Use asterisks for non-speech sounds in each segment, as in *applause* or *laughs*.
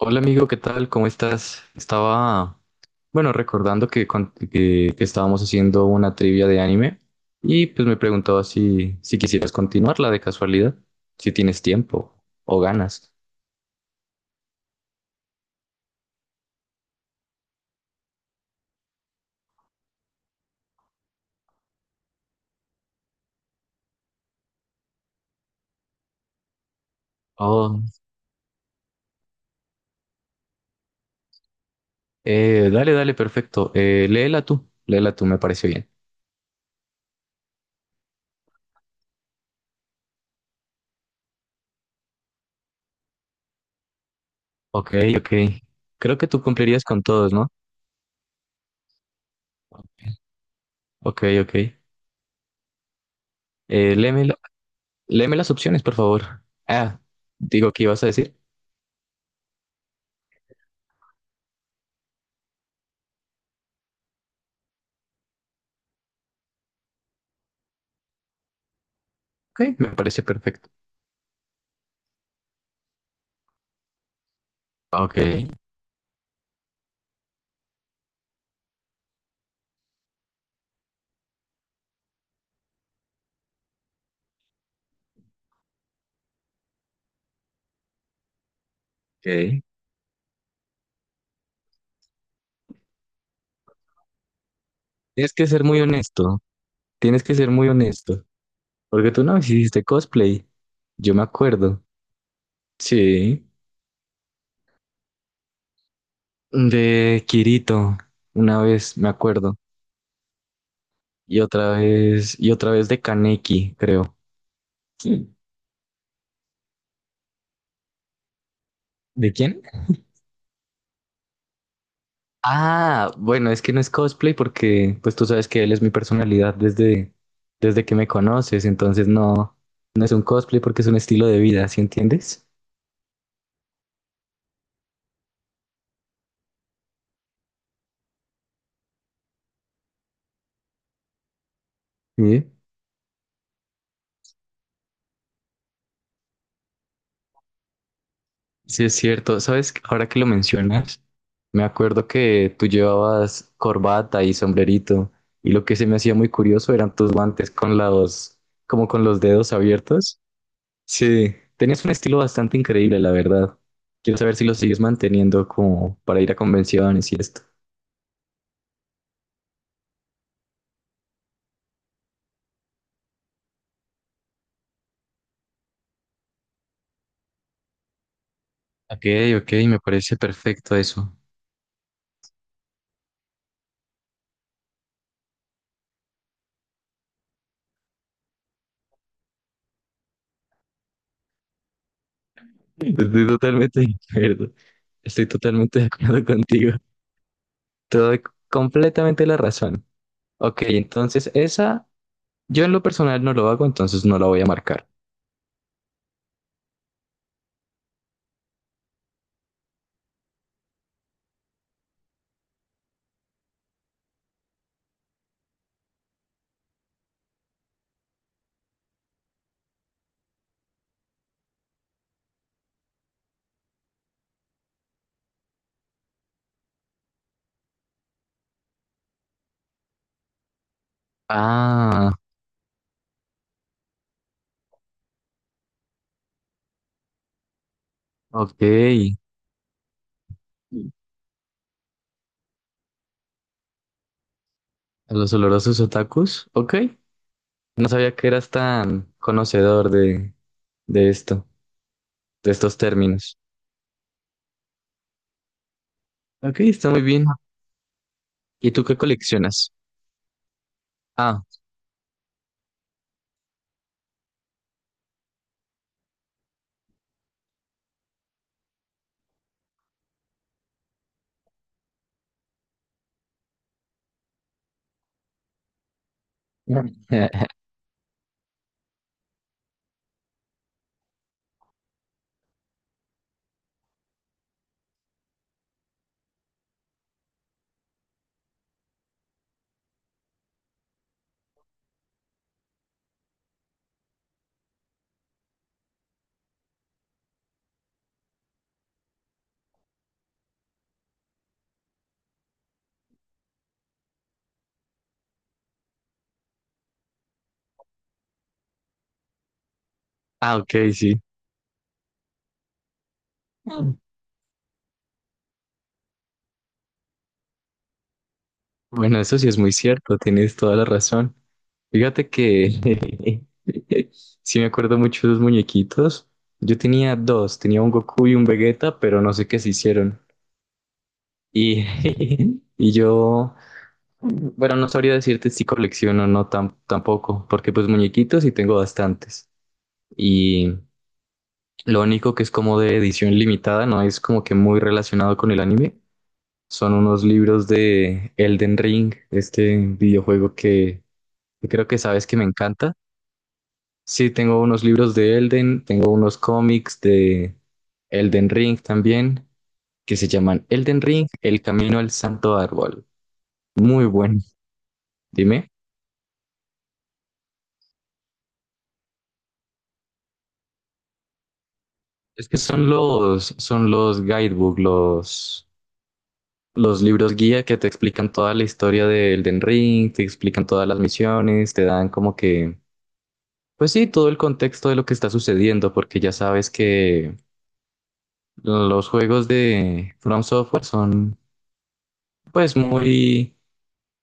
Hola amigo, ¿qué tal? ¿Cómo estás? Estaba, bueno, recordando que, que estábamos haciendo una trivia de anime y pues me preguntaba si quisieras continuarla de casualidad, si tienes tiempo o ganas. Oh, dale, dale, perfecto. Léela tú, léela tú, me parece bien. Ok, ok. Creo que tú cumplirías con todos, ¿no? Ok, ok. Léeme, léeme las opciones, por favor. Ah, digo, ¿qué ibas a decir? Ok, me parece perfecto. Ok, ok. Tienes que ser muy honesto, tienes que ser muy honesto, porque tú no hiciste cosplay, yo me acuerdo, sí, de Kirito, una vez me acuerdo, y otra vez de Kaneki, creo. Sí. ¿De quién? Ah, bueno, es que no es cosplay porque, pues tú sabes que él es mi personalidad desde que me conoces, entonces no, no es un cosplay porque es un estilo de vida, ¿sí entiendes? Sí. Sí, es cierto. ¿Sabes? Ahora que lo mencionas, me acuerdo que tú llevabas corbata y sombrerito y lo que se me hacía muy curioso eran tus guantes con los, como con los dedos abiertos. Sí, tenías un estilo bastante increíble, la verdad. Quiero saber si lo sigues manteniendo como para ir a convenciones y esto. Ok, ok, me parece perfecto eso. Estoy totalmente de acuerdo. Estoy totalmente de acuerdo contigo. Te doy completamente la razón. Ok, entonces esa yo en lo personal no lo hago, entonces no la voy a marcar. Ah, ok. A los olorosos otakus. Ok. No sabía que eras tan conocedor de esto, de estos términos. Ok, está muy bien. ¿Y tú qué coleccionas? Ah, *laughs* ah, ok, sí. Bueno, eso sí es muy cierto, tienes toda la razón. Fíjate que *laughs* sí me acuerdo mucho de los muñequitos. Yo tenía dos, tenía un Goku y un Vegeta, pero no sé qué se hicieron. Y, *laughs* y yo, bueno, no sabría decirte si colecciono o no tampoco, porque pues muñequitos sí tengo bastantes. Y lo único que es como de edición limitada, no es como que muy relacionado con el anime, son unos libros de Elden Ring, este videojuego que creo que sabes que me encanta. Sí, tengo unos libros de Elden, tengo unos cómics de Elden Ring también, que se llaman Elden Ring, El Camino al Santo Árbol. Muy bueno. Dime. Es que son los guidebook, los libros guía que te explican toda la historia del Den Ring, te explican todas las misiones, te dan como que, pues sí, todo el contexto de lo que está sucediendo, porque ya sabes que los juegos de From Software son, pues muy,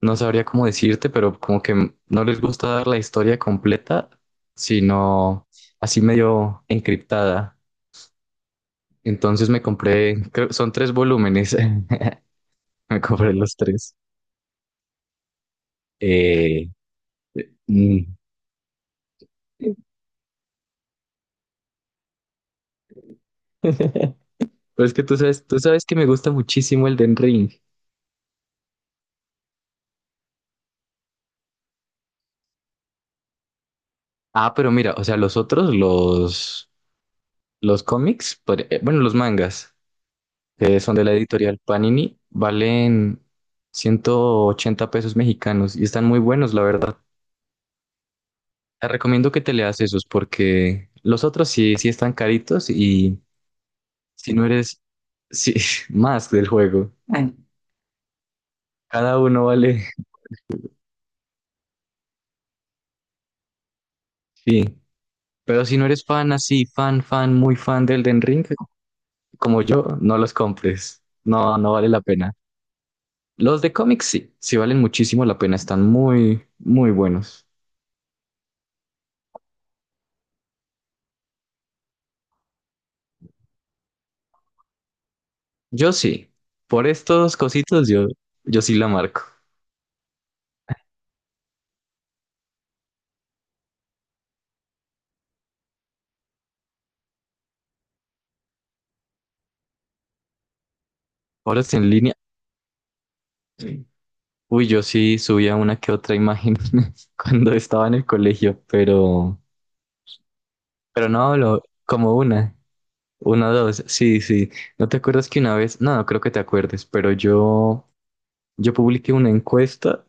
no sabría cómo decirte, pero como que no les gusta dar la historia completa, sino así medio encriptada. Entonces me compré, son tres volúmenes. *laughs* *laughs* A cobrar los tres. Eh, mm. *laughs* Pero es que tú sabes que me gusta muchísimo el Den Ring. Ah, pero mira, o sea, los otros, los cómics, bueno, los mangas, que son de la editorial Panini, valen 180 pesos mexicanos y están muy buenos, la verdad. Te recomiendo que te leas esos porque los otros sí, sí están caritos y si no eres sí, *laughs* más del juego. Ay, cada uno vale, sí. Pero si no eres fan así, fan, fan, muy fan de Elden Ring, como yo, no los compres. No, no vale la pena. Los de cómics sí, sí valen muchísimo la pena, están muy, muy buenos. Yo sí, por estos cositos yo sí la marco. Ahora está en línea. Sí. Uy, yo sí subía una que otra imagen *laughs* cuando estaba en el colegio, pero... Pero no hablo como una, dos. Sí, sí. ¿No te acuerdas que una vez? No, no creo que te acuerdes, pero yo publiqué una encuesta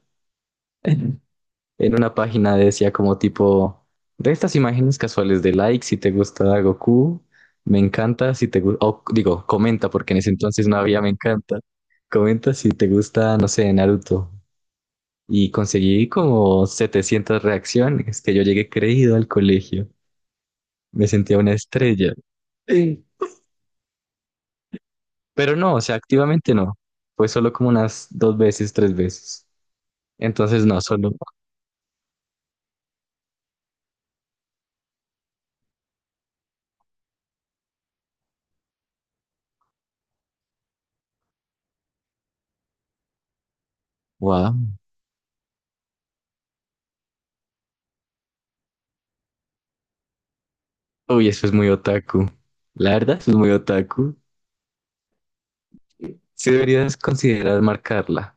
*laughs* en una página, decía como tipo de estas imágenes casuales de like si te gusta Goku, me encanta si te gusta, o digo, comenta porque en ese entonces no había me encanta. Comenta si te gusta, no sé, Naruto. Y conseguí como 700 reacciones que yo llegué creído al colegio. Me sentía una estrella. *laughs* Pero no, o sea, activamente no. Fue solo como unas dos veces, tres veces. Entonces, no, solo. Wow. Uy, eso es muy otaku. La verdad, eso es muy otaku. Sí deberías considerar marcarla.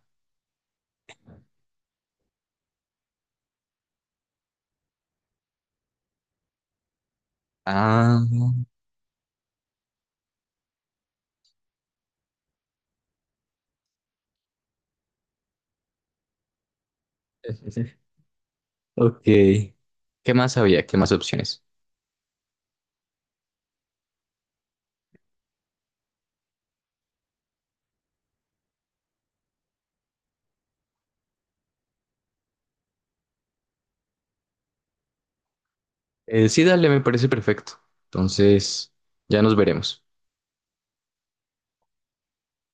Ah, *laughs* ok. ¿Qué más había? ¿Qué más opciones? Sí, dale, me parece perfecto. Entonces, ya nos veremos.